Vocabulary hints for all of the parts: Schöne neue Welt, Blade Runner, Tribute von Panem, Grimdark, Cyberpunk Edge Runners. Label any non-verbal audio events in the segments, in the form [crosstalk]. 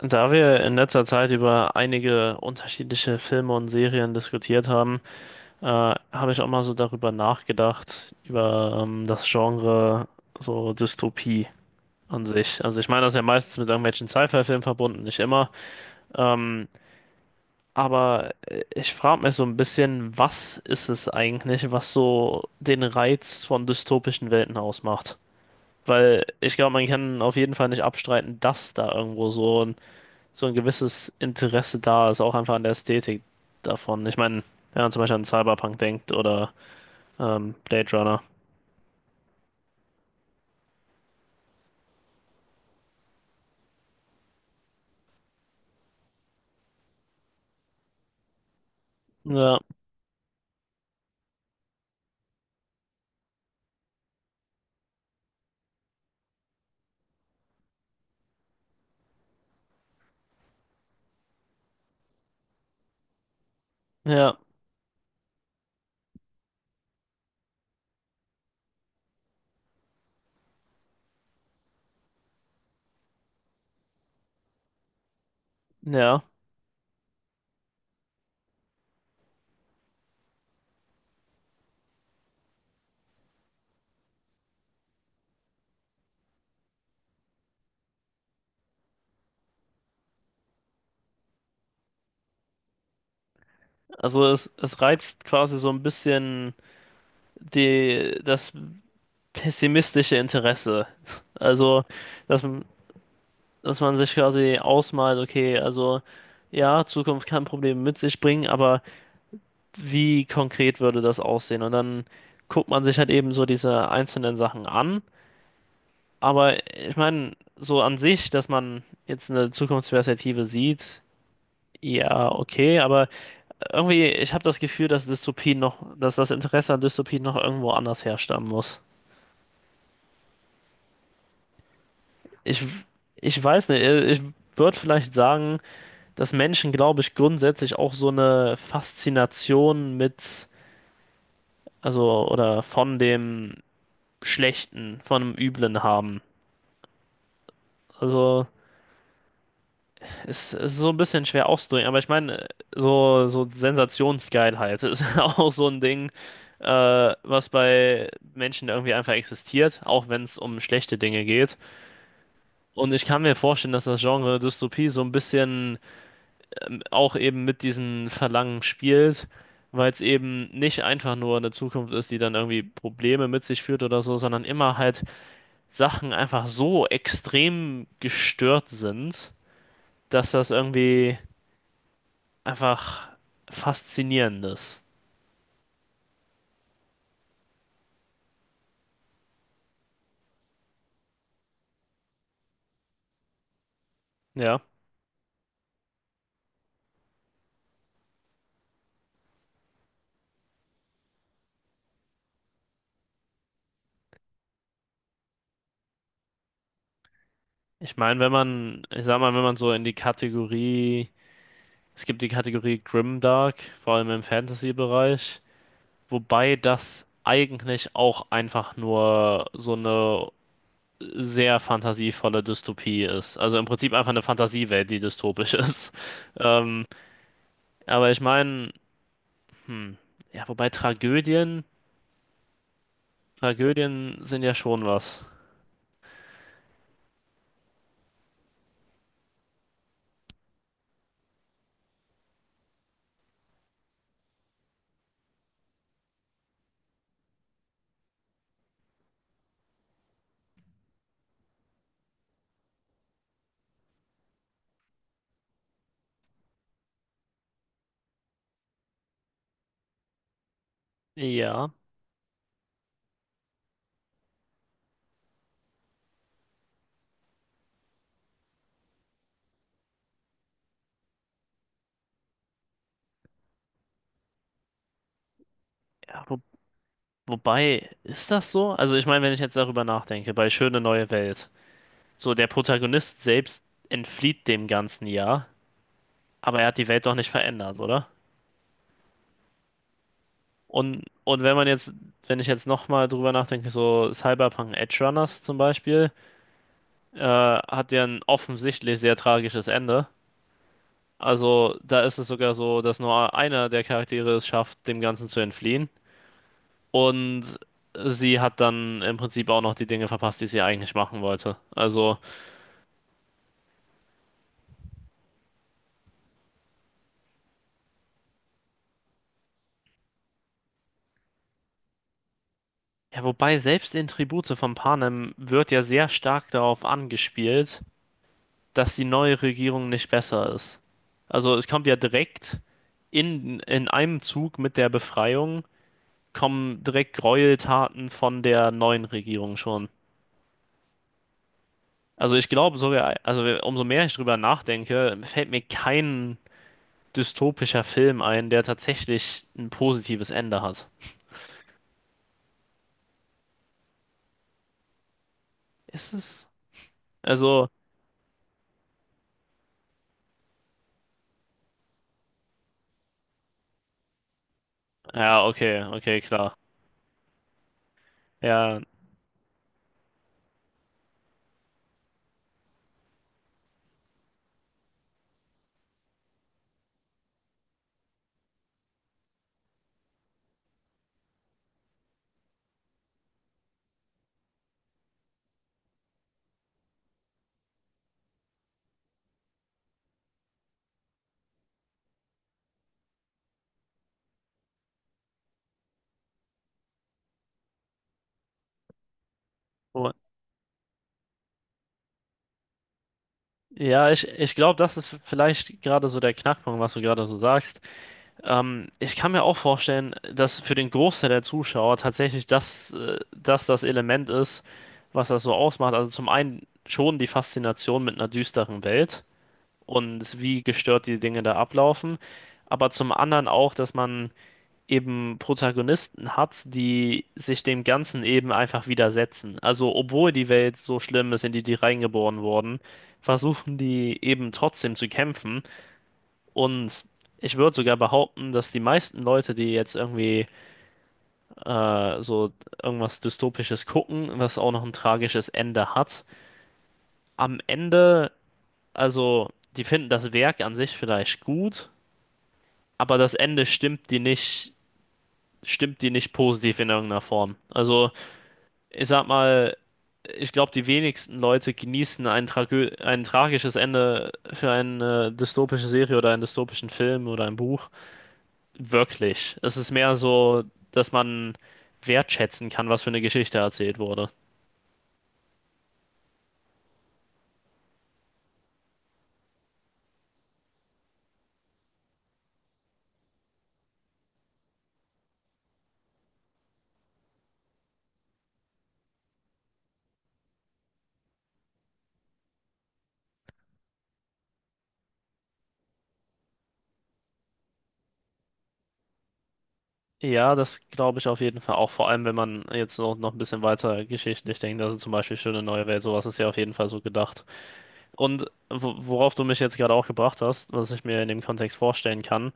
Da wir in letzter Zeit über einige unterschiedliche Filme und Serien diskutiert haben, habe ich auch mal so darüber nachgedacht, über das Genre so Dystopie an sich. Also ich meine, das ist ja meistens mit irgendwelchen Sci-Fi-Filmen verbunden, nicht immer. Ähm, Ich frage mich so ein bisschen, was ist es eigentlich, was so den Reiz von dystopischen Welten ausmacht? Weil ich glaube, man kann auf jeden Fall nicht abstreiten, dass da irgendwo so ein gewisses Interesse da ist, auch einfach an der Ästhetik davon. Ich meine, wenn man zum Beispiel an Cyberpunk denkt oder Blade Runner. Ja, ja, ja. Also es reizt quasi so ein bisschen das pessimistische Interesse. Also, dass, m- dass man sich quasi ausmalt, okay, also ja, Zukunft kann Probleme mit sich bringen, aber wie konkret würde das aussehen? Und dann guckt man sich halt eben so diese einzelnen Sachen an. Aber ich meine, so an sich, dass man jetzt eine Zukunftsperspektive sieht, ja, okay, aber irgendwie, ich habe das Gefühl, dass das Interesse an Dystopien noch irgendwo anders herstammen muss. Ich, ich weiß nicht, ich würde vielleicht sagen, dass Menschen, glaube ich, grundsätzlich auch so eine Faszination mit, also, oder von dem Schlechten, von dem Üblen haben. Also, ist so ein bisschen schwer auszudrücken, aber ich meine, so Sensationsgeilheit [laughs] ist auch so ein Ding, was bei Menschen irgendwie einfach existiert, auch wenn es um schlechte Dinge geht. Und ich kann mir vorstellen, dass das Genre Dystopie so ein bisschen auch eben mit diesen Verlangen spielt, weil es eben nicht einfach nur eine Zukunft ist, die dann irgendwie Probleme mit sich führt oder so, sondern immer halt Sachen einfach so extrem gestört sind, dass das irgendwie einfach Faszinierendes. Ja. Ich meine, wenn man, ich sag mal, wenn man so in die Kategorie, es gibt die Kategorie Grimdark, vor allem im Fantasy-Bereich, wobei das eigentlich auch einfach nur so eine sehr fantasievolle Dystopie ist. Also im Prinzip einfach eine Fantasiewelt, die dystopisch ist. [laughs] Ähm, Ich meine, hm, ja, wobei Tragödien, Tragödien sind ja schon was. Ja. Ja, wo, Wobei, ist das so? Also ich meine, wenn ich jetzt darüber nachdenke, bei Schöne neue Welt, so der Protagonist selbst entflieht dem Ganzen ja, aber er hat die Welt doch nicht verändert, oder? Und wenn man jetzt, wenn ich jetzt nochmal drüber nachdenke, so Cyberpunk Edge Runners zum Beispiel, hat ja ein offensichtlich sehr tragisches Ende. Also da ist es sogar so, dass nur einer der Charaktere es schafft, dem Ganzen zu entfliehen. Und sie hat dann im Prinzip auch noch die Dinge verpasst, die sie eigentlich machen wollte. Also. Ja, wobei selbst in Tribute von Panem wird ja sehr stark darauf angespielt, dass die neue Regierung nicht besser ist. Also es kommt ja direkt in einem Zug mit der Befreiung, kommen direkt Gräueltaten von der neuen Regierung schon. Also ich glaube sogar, also umso mehr ich drüber nachdenke, fällt mir kein dystopischer Film ein, der tatsächlich ein positives Ende hat. Ist es? Also, ja, okay, okay, klar. Ja, oh. Ja, ich glaube, das ist vielleicht gerade so der Knackpunkt, was du gerade so sagst. Ich kann mir auch vorstellen, dass für den Großteil der Zuschauer tatsächlich das das Element ist, was das so ausmacht. Also zum einen schon die Faszination mit einer düsteren Welt und wie gestört die Dinge da ablaufen, aber zum anderen auch, dass man eben Protagonisten hat, die sich dem Ganzen eben einfach widersetzen. Also, obwohl die Welt so schlimm ist, in die die reingeboren wurden, versuchen die eben trotzdem zu kämpfen. Und ich würde sogar behaupten, dass die meisten Leute, die jetzt irgendwie äh, so irgendwas Dystopisches gucken, was auch noch ein tragisches Ende hat, am Ende, also, die finden das Werk an sich vielleicht gut, aber das Ende stimmt die nicht positiv in irgendeiner Form. Also, ich sag mal, ich glaube, die wenigsten Leute genießen ein tragisches Ende für eine dystopische Serie oder einen dystopischen Film oder ein Buch. Wirklich. Es ist mehr so, dass man wertschätzen kann, was für eine Geschichte erzählt wurde. Ja, das glaube ich auf jeden Fall auch. Vor allem, wenn man jetzt noch ein bisschen weiter geschichtlich denkt. Also zum Beispiel Schöne Neue Welt, sowas ist ja auf jeden Fall so gedacht. Und worauf du mich jetzt gerade auch gebracht hast, was ich mir in dem Kontext vorstellen kann,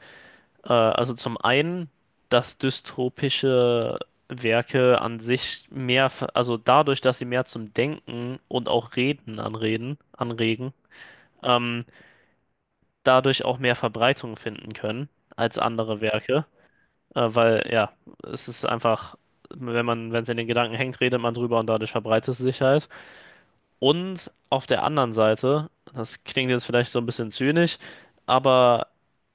Also zum einen, dass dystopische Werke an sich also dadurch, dass sie mehr zum Denken und auch Reden anregen, ähm, dadurch auch mehr Verbreitung finden können als andere Werke, weil ja, es ist einfach, wenn man, wenn es in den Gedanken hängt, redet man drüber und dadurch verbreitet es sich halt. Und auf der anderen Seite, das klingt jetzt vielleicht so ein bisschen zynisch, aber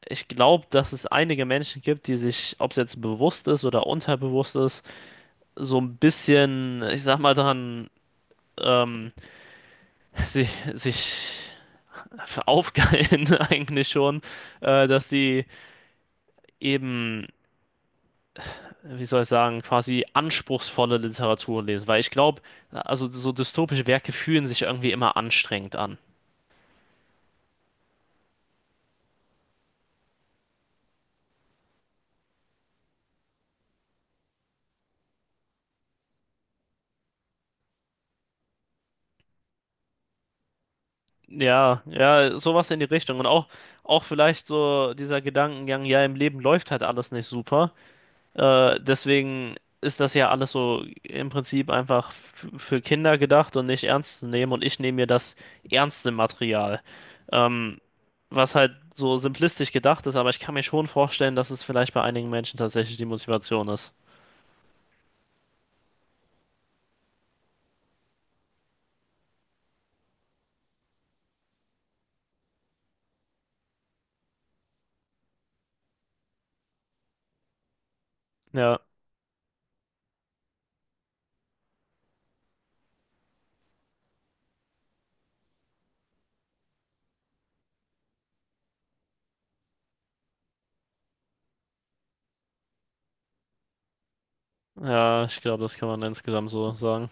ich glaube, dass es einige Menschen gibt, die sich, ob es jetzt bewusst ist oder unterbewusst ist, so ein bisschen, ich sag mal, daran ähm, [laughs] sich, sich aufgeilen [laughs] eigentlich schon, dass die eben, wie soll ich sagen, quasi anspruchsvolle Literatur lesen. Weil ich glaube, also so dystopische Werke fühlen sich irgendwie immer anstrengend an. Ja, ja, sowas in die Richtung. Auch vielleicht so dieser Gedankengang, ja, im Leben läuft halt alles nicht super. Deswegen ist das ja alles so im Prinzip einfach für Kinder gedacht und nicht ernst zu nehmen. Und ich nehme mir das ernste Material. Ähm, Was halt so simplistisch gedacht ist, aber ich kann mir schon vorstellen, dass es vielleicht bei einigen Menschen tatsächlich die Motivation ist. Ja, ja, ich glaube, das kann man insgesamt so sagen.